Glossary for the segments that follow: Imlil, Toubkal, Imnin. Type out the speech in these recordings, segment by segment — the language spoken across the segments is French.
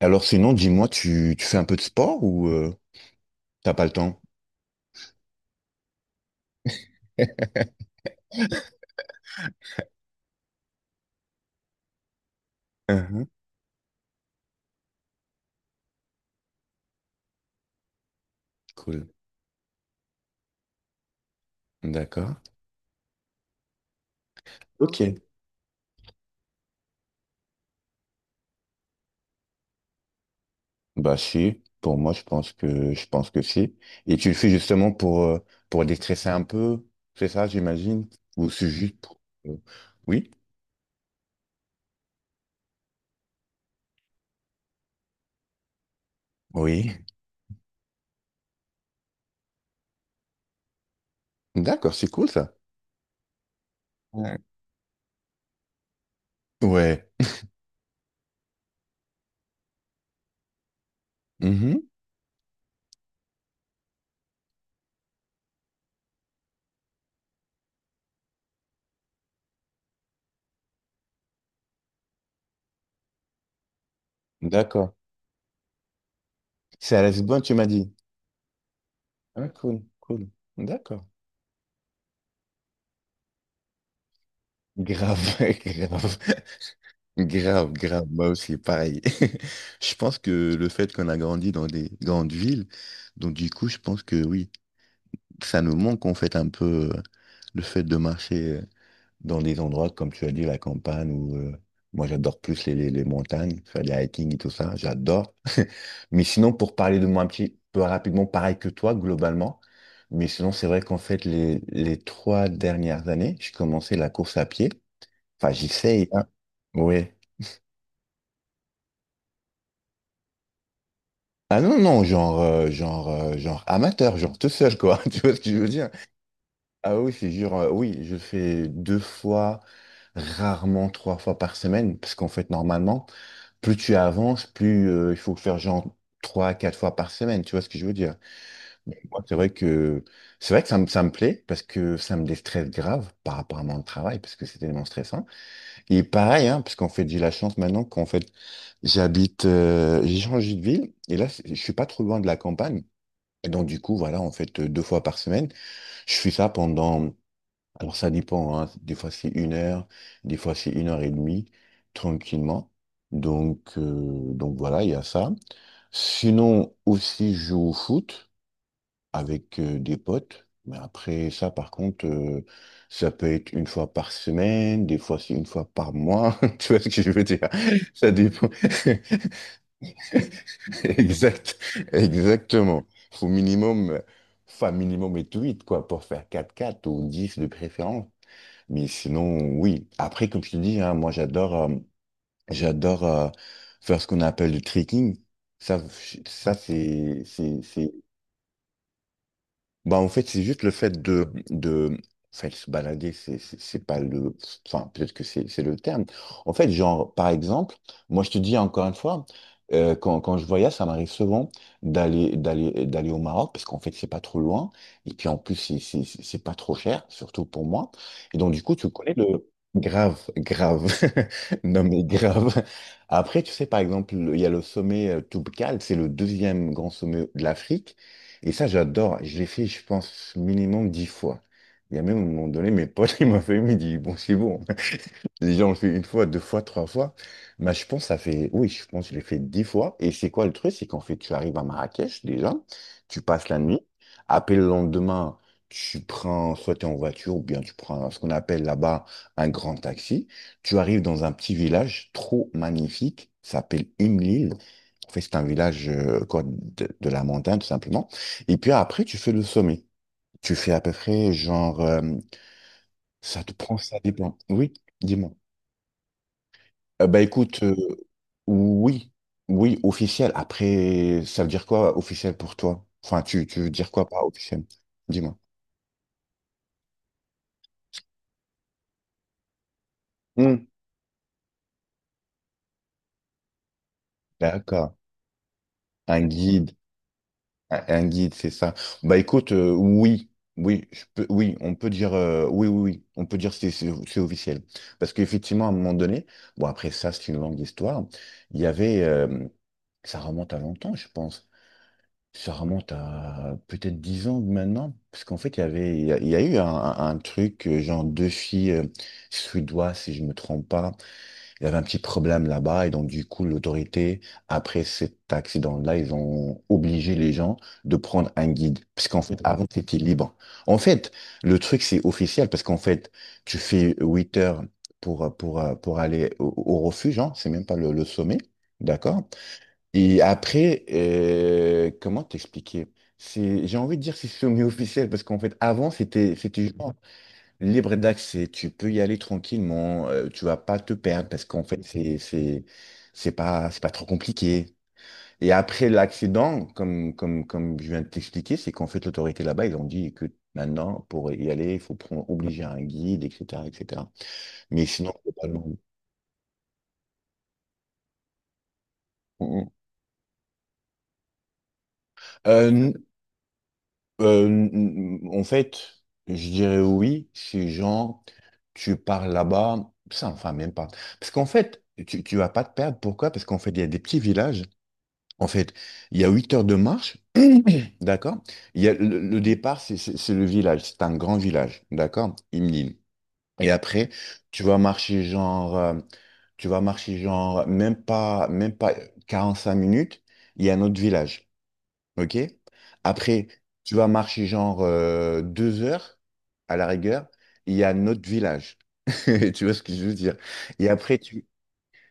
Alors sinon, dis-moi, tu fais un peu de sport ou t'as pas le temps? Mhm. Cool. D'accord. Ok. Bah si, pour moi, je pense que si. Et tu le fais justement pour déstresser un peu, c'est ça, j'imagine? Ou c'est juste pour. euh, Oui? Oui. D'accord, c'est cool ça. Ouais. Ouais. Mhm. D'accord. C'est à Lisbonne, tu m'as dit. Ah, cool, cool. D'accord. Grave, grave. Grave, grave, moi aussi, pareil. Je pense que le fait qu'on a grandi dans des grandes villes, donc du coup, je pense que oui, ça nous manque en fait un peu le fait de marcher dans des endroits, comme tu as dit, la campagne, ou moi j'adore plus les, les montagnes, faire des hiking et tout ça, j'adore. Mais sinon, pour parler de moi un petit peu rapidement, pareil que toi, globalement, mais sinon, c'est vrai qu'en fait, les trois dernières années, j'ai commencé la course à pied. Enfin, j'essaye, hein. Ouais. Ah non, non, genre amateur, genre tout seul, quoi. Tu vois ce que je veux dire? Ah oui, c'est genre, oui, je fais deux fois, rarement trois fois par semaine, parce qu'en fait, normalement, plus tu avances, plus il faut faire genre trois, quatre fois par semaine, tu vois ce que je veux dire? Mais moi, c'est vrai que ça me plaît, parce que ça me déstresse grave par rapport à mon travail, parce que c'est tellement stressant. Et pareil, hein, parce qu'en fait, j'ai la chance maintenant qu'en fait, j'ai changé de ville, et là, je suis pas trop loin de la campagne. Et donc, du coup, voilà, en fait, deux fois par semaine, je fais ça pendant, alors ça dépend, hein. Des fois c'est une heure, des fois c'est une heure et demie, tranquillement. Donc voilà, il y a ça. Sinon, aussi, je joue au foot avec des potes. Mais après ça, par contre, ça peut être une fois par semaine, des fois c'est une fois par mois. Tu vois ce que je veux dire? Ça dépend. Exact, exactement. Faut minimum, enfin minimum et 8 quoi, pour faire quatre quatre ou 10 de préférence. Mais sinon, oui. Après, comme je te dis, hein, moi j'adore faire ce qu'on appelle le trekking. Ça, bah, en fait, c'est juste le fait de, enfin, se balader, c'est pas le, enfin, peut-être que c'est le terme. En fait, genre, par exemple, moi, je te dis encore une fois, quand je voyage, ça m'arrive souvent d'aller au Maroc, parce qu'en fait, c'est pas trop loin, et puis en plus, c'est pas trop cher, surtout pour moi. Et donc, du coup, tu connais le. Grave, grave, non mais grave. Après, tu sais, par exemple, il y a le sommet Toubkal, c'est le deuxième grand sommet de l'Afrique. Et ça, j'adore. Je l'ai fait, je pense, minimum 10 fois. Il y a même un moment donné, mes potes, ils m'ont fait, ils m'ont dit, bon, c'est bon. Les gens le fait une fois, deux fois, trois fois. Bah, je pense que ça fait, oui, je pense que je l'ai fait 10 fois. Et c'est quoi le truc? C'est qu'en fait, tu arrives à Marrakech déjà, tu passes la nuit. Après le lendemain, tu prends, soit tu es en voiture ou bien tu prends ce qu'on appelle là-bas un grand taxi. Tu arrives dans un petit village trop magnifique, ça s'appelle Imlil. En fait, c'est un village quoi, de la montagne, tout simplement. Et puis après, tu fais le sommet. Tu fais à peu près genre, ça te prend, ça dépend. Oui, dis-moi. Bah écoute, oui, oui, officiel. Après, ça veut dire quoi officiel pour toi? Enfin, tu veux dire quoi par officiel? Dis-moi. Hmm, d'accord. Un guide, un guide, c'est ça. Bah écoute, oui, oui, je peux, oui, on peut dire, oui, oui, oui, on peut dire c'est officiel. Parce qu'effectivement, à un moment donné, bon après ça, c'est une longue histoire. Il y avait, euh, Ça remonte à longtemps, je pense. Ça remonte à peut-être 10 ans maintenant, parce qu'en fait, il y avait, il y a eu un truc, genre deux filles suédoises, si je me trompe pas. Il y avait un petit problème là-bas, et donc, du coup, l'autorité, après cet accident-là, ils ont obligé les gens de prendre un guide, parce qu'en fait, avant, c'était libre. En fait, le truc, c'est officiel, parce qu'en fait, tu fais 8 heures pour aller au refuge, hein, c'est même pas le sommet, d'accord? Et après, comment t'expliquer? J'ai envie de dire que c'est semi-officiel parce qu'en fait, avant, c'était genre libre d'accès. Tu peux y aller tranquillement. Tu vas pas te perdre parce qu'en fait, c'est pas trop compliqué. Et après l'accident, comme je viens de t'expliquer, c'est qu'en fait, l'autorité là-bas, ils ont dit que maintenant, pour y aller, il faut prendre, obliger un guide, etc., etc. Mais sinon, globalement. Mm, mm. Euh, Euh, n- En fait, je dirais oui, si genre tu pars là-bas, ça enfin même pas. Parce qu'en fait, tu vas pas te perdre. Pourquoi? Parce qu'en fait, il y a des petits villages. En fait, il y a 8 heures de marche, d'accord? Il y a le départ, c'est le village, c'est un grand village, d'accord? Imnin. Et après, tu vas marcher genre, euh, tu vas marcher genre même pas 45 minutes, il y a un autre village. OK? Après, tu vas marcher genre deux heures à la rigueur, il y a notre village. Tu vois ce que je veux dire? Et après, tu.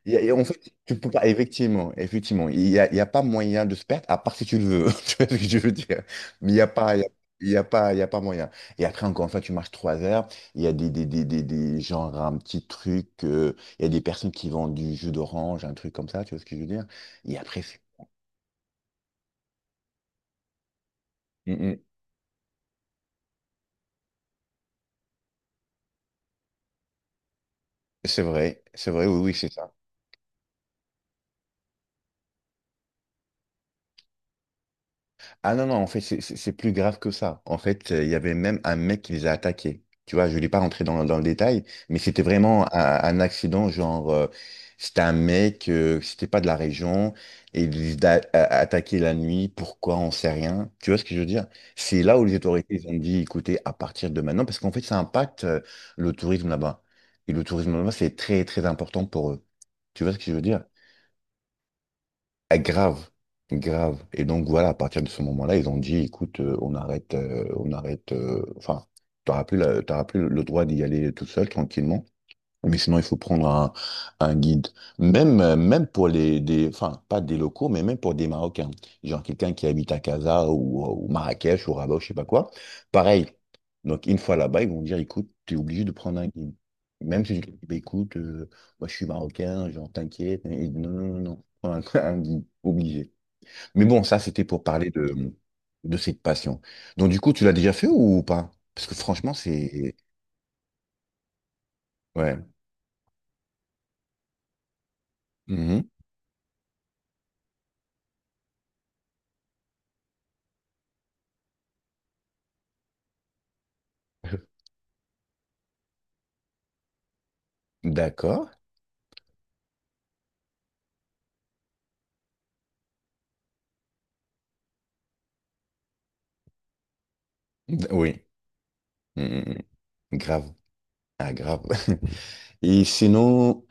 Il y a- en fait, tu peux pas, effectivement, il y a pas moyen de se perdre, à part si tu le veux, tu vois ce que je veux dire. Mais il n'y a pas, il y a pas, il y a pas moyen. Et après, encore une fois, tu marches trois heures, il y a genre un petit truc, il y a des personnes qui vendent du jus d'orange, un truc comme ça, tu vois ce que je veux dire. Et après, c'est mm, mm. C'est vrai, oui, oui, c'est ça. Ah non, non, en fait, c'est plus grave que ça. En fait, il y avait même un mec qui les a attaqués. Tu vois, je ne vais pas rentrer dans le détail, mais c'était vraiment un accident, genre, c'était un mec, c'était pas de la région, et il les a attaqués la nuit, pourquoi, on sait rien. Tu vois ce que je veux dire? C'est là où les autorités ils ont dit, écoutez, à partir de maintenant, parce qu'en fait, ça impacte le tourisme là-bas. Et le tourisme là-bas, c'est très, très important pour eux. Tu vois ce que je veux dire? Ah, grave, grave. Et donc voilà, à partir de ce moment-là, ils ont dit, écoute, on arrête. Enfin, t'auras plus le droit d'y aller tout seul, tranquillement. Mais sinon, il faut prendre un guide. Même pour les, des, enfin, pas des locaux, mais même pour des Marocains. Genre quelqu'un qui habite à Casa ou Marrakech ou Rabat, ou je sais pas quoi. Pareil. Donc, une fois là-bas, ils vont dire, écoute, tu es obligé de prendre un guide. Même si je dis, bah, écoute, moi je suis marocain, genre t'inquiète. Ils disent, non, non, non, non, un, un guide, obligé. Mais bon, ça, c'était pour parler de, cette passion. Donc, du coup, tu l'as déjà fait ou pas? Parce que franchement, c'est. Ouais. Mhm. D'accord. Oui, mm, mm, mm. Grave. Ah, grave. Et sinon,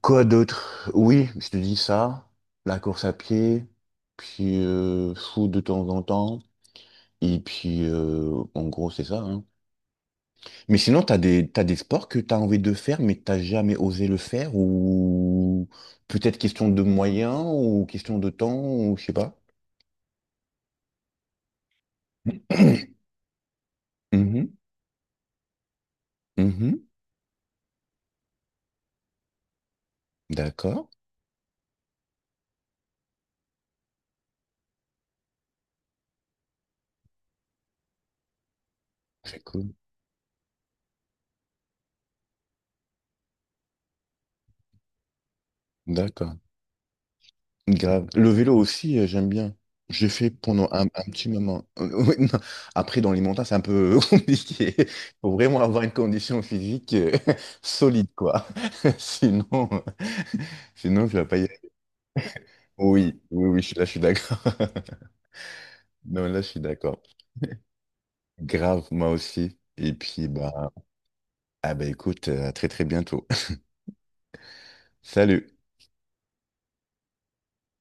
quoi d'autre? Oui, je te dis ça, la course à pied, puis foot de temps en temps, et puis en gros, c'est ça, hein. Mais sinon, t'as des sports que t'as envie de faire, mais t'as jamais osé le faire, ou peut-être question de moyens, ou question de temps, ou je sais pas. Mhm, mhm. D'accord, c'est cool. D'accord. Grave. Le vélo aussi, j'aime bien. J'ai fait pendant un petit moment. Ouais, non. Après, dans les montagnes, c'est un peu compliqué. Il faut vraiment avoir une condition physique solide, quoi. Sinon, euh, sinon, tu vas pas y aller. Oui, oui, oui, là, je suis d'accord. Non, là, je suis d'accord. Grave, moi aussi. Et puis, bah, ah bah écoute, à très, très bientôt. Salut.